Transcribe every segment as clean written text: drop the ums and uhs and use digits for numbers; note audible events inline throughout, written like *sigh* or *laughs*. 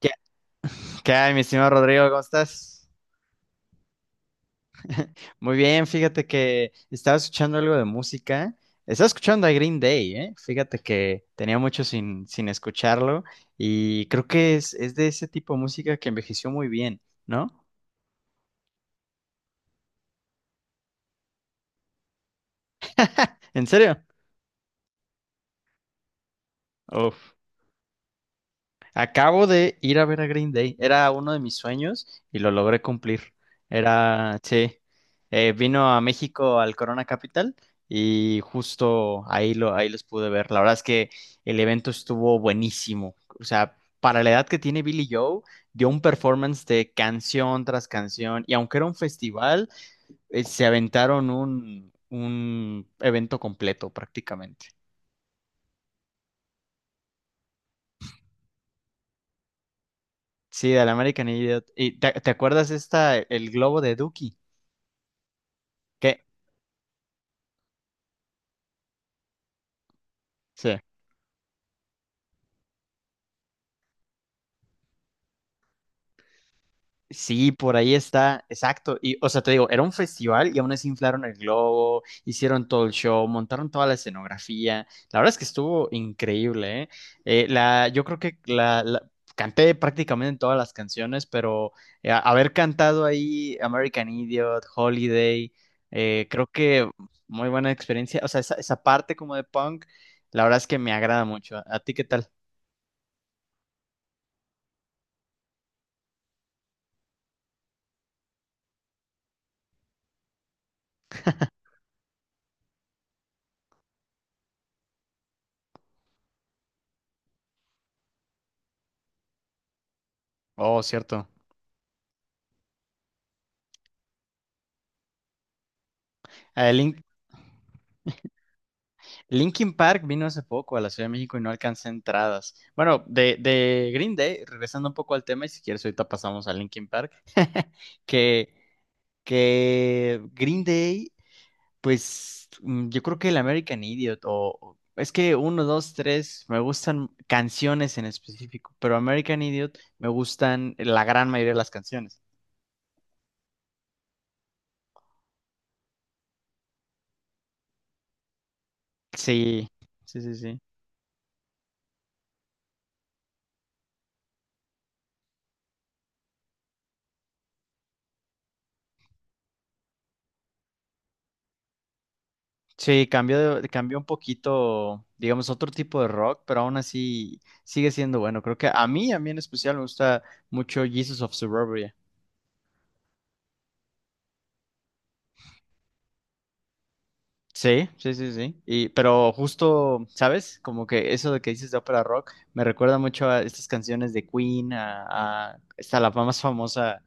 ¿Qué, qué hay, mi estimado Rodrigo? ¿Cómo estás? Muy bien, fíjate que estaba escuchando algo de música. Estaba escuchando a Green Day, ¿eh? Fíjate que tenía mucho sin escucharlo y creo que es de ese tipo de música que envejeció muy bien, ¿no? ¿En serio? Uf. Acabo de ir a ver a Green Day. Era uno de mis sueños y lo logré cumplir. Era, sí, vino a México al Corona Capital y justo ahí ahí los pude ver. La verdad es que el evento estuvo buenísimo. O sea, para la edad que tiene Billy Joe, dio un performance de canción tras canción y aunque era un festival, se aventaron un evento completo prácticamente. Sí, del American Idiot. ¿Y te acuerdas esta, el globo de Dookie? ¿Qué? Sí. Sí, por ahí está, exacto. Y, o sea, te digo, era un festival y aún así inflaron el globo, hicieron todo el show, montaron toda la escenografía. La verdad es que estuvo increíble, ¿eh? Yo creo que canté prácticamente todas las canciones, pero haber cantado ahí American Idiot, Holiday, creo que muy buena experiencia. O sea, esa parte como de punk, la verdad es que me agrada mucho. ¿A ti qué tal? Oh, cierto. El Linkin Park vino hace poco a la Ciudad de México y no alcancé entradas. Bueno, de Green Day, regresando un poco al tema, y si quieres ahorita pasamos a Linkin Park, *laughs* que, que Green Day, pues mm, yo creo que el American Idiot, es que uno, dos, 3, me gustan canciones en específico, pero American Idiot me gustan la gran mayoría de las canciones. Sí, sí, sí, sí. Sí, cambió, cambió un poquito, digamos, otro tipo de rock, pero aún así sigue siendo bueno. Creo que a mí en especial, me gusta mucho Jesus of Suburbia. Sí, sí, sí, sí. Y, pero justo, ¿sabes? Como que eso de que dices de ópera rock me recuerda mucho a estas canciones de Queen, está la más famosa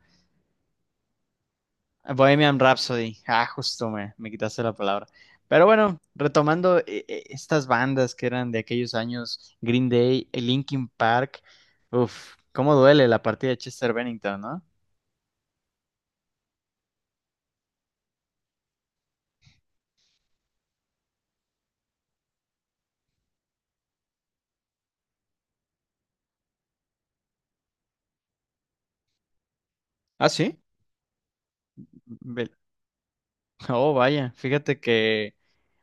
Bohemian Rhapsody. Ah, me quitaste la palabra. Pero bueno, retomando estas bandas que eran de aquellos años, Green Day, Linkin Park. Uf, cómo duele la partida de Chester Bennington, ¿no? Ah, sí. Ve- Oh, vaya, fíjate que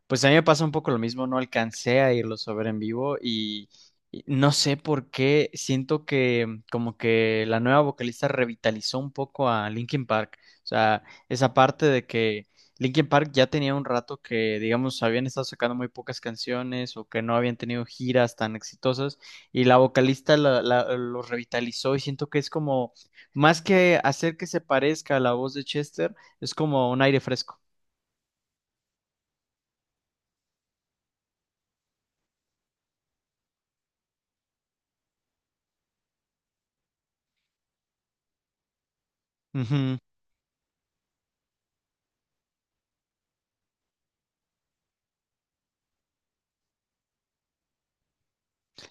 pues a mí me pasa un poco lo mismo, no alcancé a irlos a ver en vivo y no sé por qué, siento que como que la nueva vocalista revitalizó un poco a Linkin Park, o sea, esa parte de que Linkin Park ya tenía un rato que, digamos, habían estado sacando muy pocas canciones o que no habían tenido giras tan exitosas y la vocalista los revitalizó y siento que es como, más que hacer que se parezca a la voz de Chester, es como un aire fresco. Ujú.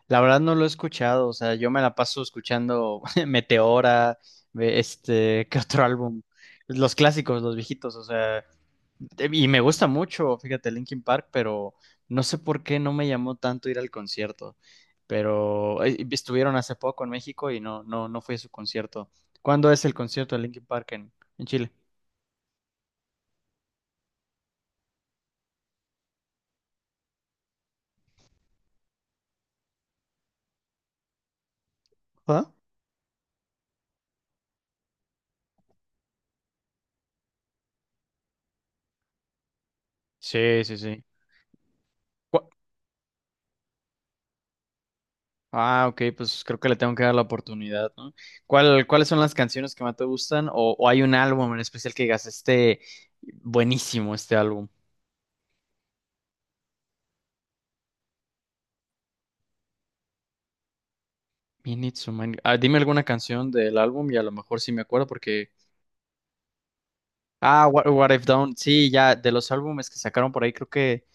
La verdad no lo he escuchado, o sea, yo me la paso escuchando *laughs* Meteora, ¿qué otro álbum? Los clásicos, los viejitos, o sea, y me gusta mucho, fíjate, Linkin Park, pero no sé por qué no me llamó tanto ir al concierto, pero estuvieron hace poco en México y no fui a su concierto. ¿Cuándo es el concierto de Linkin Park en Chile? ¿Ah? Sí, sí, sí. ¿Cu- Ah, ok, pues creo que le tengo que dar la oportunidad, ¿no? ¿Cuál, cuáles son las canciones que más te gustan? O hay un álbum en especial que digas, este, buenísimo este álbum? You Need Someone- Ah, dime alguna canción del álbum y a lo mejor sí me acuerdo porque... Ah, What I've Done, sí, ya, de los álbumes que sacaron por ahí, creo que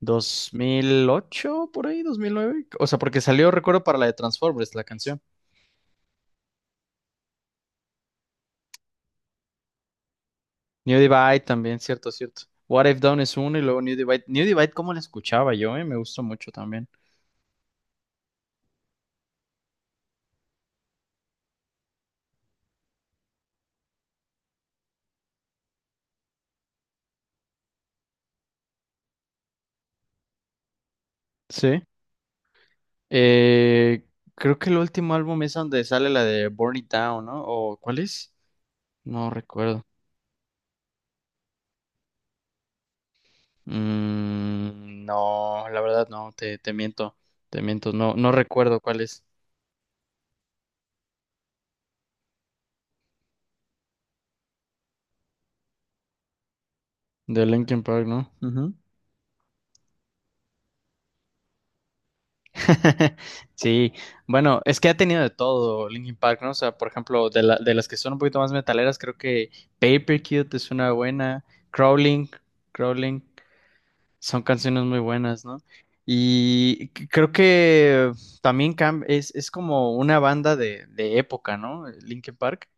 2008 por ahí, 2009. O sea, porque salió, recuerdo, para la de Transformers, la canción. New Divide también, cierto, cierto. What I've Done es uno y luego New Divide. New Divide, ¿cómo la escuchaba yo? ¿Eh? Me gustó mucho también. Sí. Eh, creo que el último álbum es donde sale la de Burn It Down, ¿no? ¿O cuál es? No recuerdo. Mm, no, la verdad no, te miento, no, no recuerdo cuál es. De Linkin Park, ¿no? Ujú. *laughs* Sí, bueno, es que ha tenido de todo Linkin Park, ¿no? O sea, por ejemplo, de las que son un poquito más metaleras, creo que Paper Cute es una buena, Crawling, Crawling. Son canciones muy buenas, ¿no? Y creo que también es como una banda de época, ¿no? Linkin Park.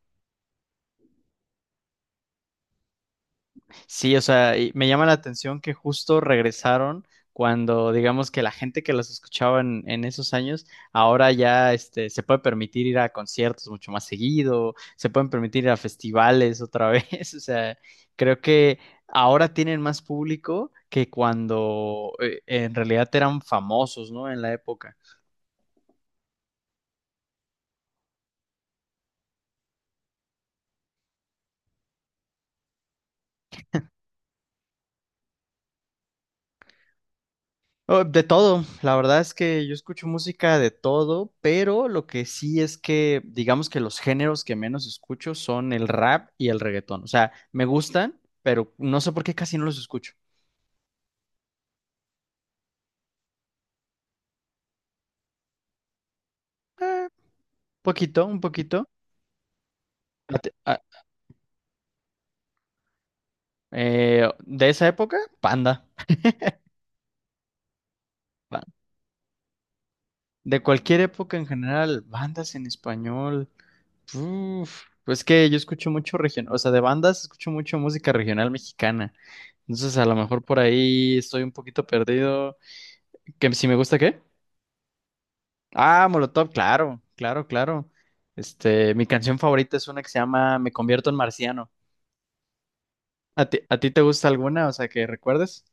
Sí, o sea, y me llama la atención que justo regresaron cuando, digamos que la gente que los escuchaba en esos años, ahora ya este, se puede permitir ir a conciertos mucho más seguido, se pueden permitir ir a festivales otra *laughs* vez, o sea, creo que ahora tienen más público que cuando en realidad eran famosos, ¿no? En la época. Oh, de todo, la verdad es que yo escucho música de todo, pero lo que sí es que digamos que los géneros que menos escucho son el rap y el reggaetón. O sea, me gustan, pero no sé por qué casi no los escucho. Eh, un poquito. A ti- a- de esa época, Panda. *laughs* De cualquier época en general, bandas en español. Uf, pues que yo escucho mucho regional, o sea, de bandas escucho mucho música regional mexicana. Entonces, a lo mejor por ahí estoy un poquito perdido. ¿Que si me gusta qué? Ah, Molotov, claro, claro, claro. Este, mi canción favorita es una que se llama Me convierto en marciano. A ti te gusta alguna? O sea, que recuerdes.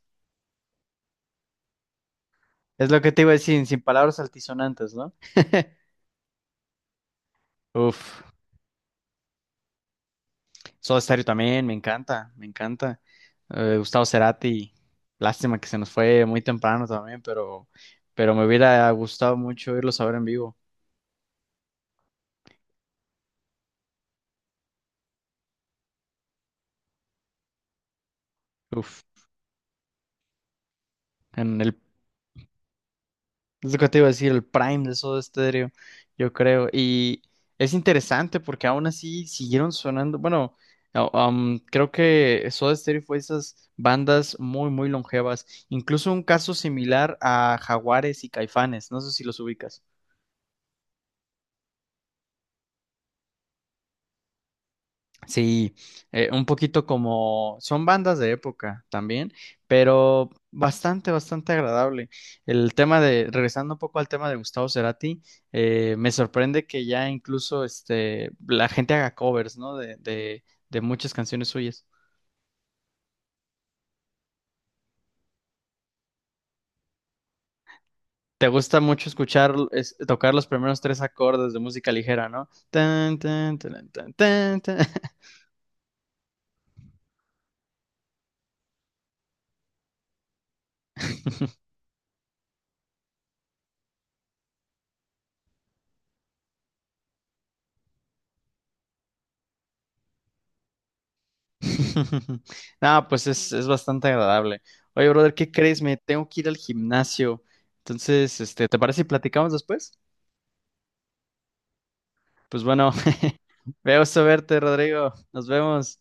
Es lo que te iba a decir, sin palabras altisonantes, ¿no? *laughs* Uf. Soda Stereo también, me encanta, me encanta. Gustavo Cerati, lástima que se nos fue muy temprano también, pero me hubiera gustado mucho irlos a ver en vivo. Uf, en el, es lo que te iba a decir, el prime de Soda Stereo, yo creo. Y es interesante porque aún así siguieron sonando. Bueno, no, creo que Soda Stereo fue esas bandas muy, muy longevas. Incluso un caso similar a Jaguares y Caifanes, no sé si los ubicas. Sí, un poquito como son bandas de época también, pero bastante, bastante agradable. El tema de, regresando un poco al tema de Gustavo Cerati, me sorprende que ya incluso este, la gente haga covers, ¿no? De muchas canciones suyas. Te gusta mucho escuchar, tocar los primeros tres acordes de música ligera, ¿no? Tan, tan, tan, tan, tan, tan. *laughs* *laughs* No, pues es bastante agradable. Oye, brother, ¿qué crees? Me tengo que ir al gimnasio. Entonces, este, ¿te parece si platicamos después? Pues bueno, *laughs* veo a verte, Rodrigo. Nos vemos.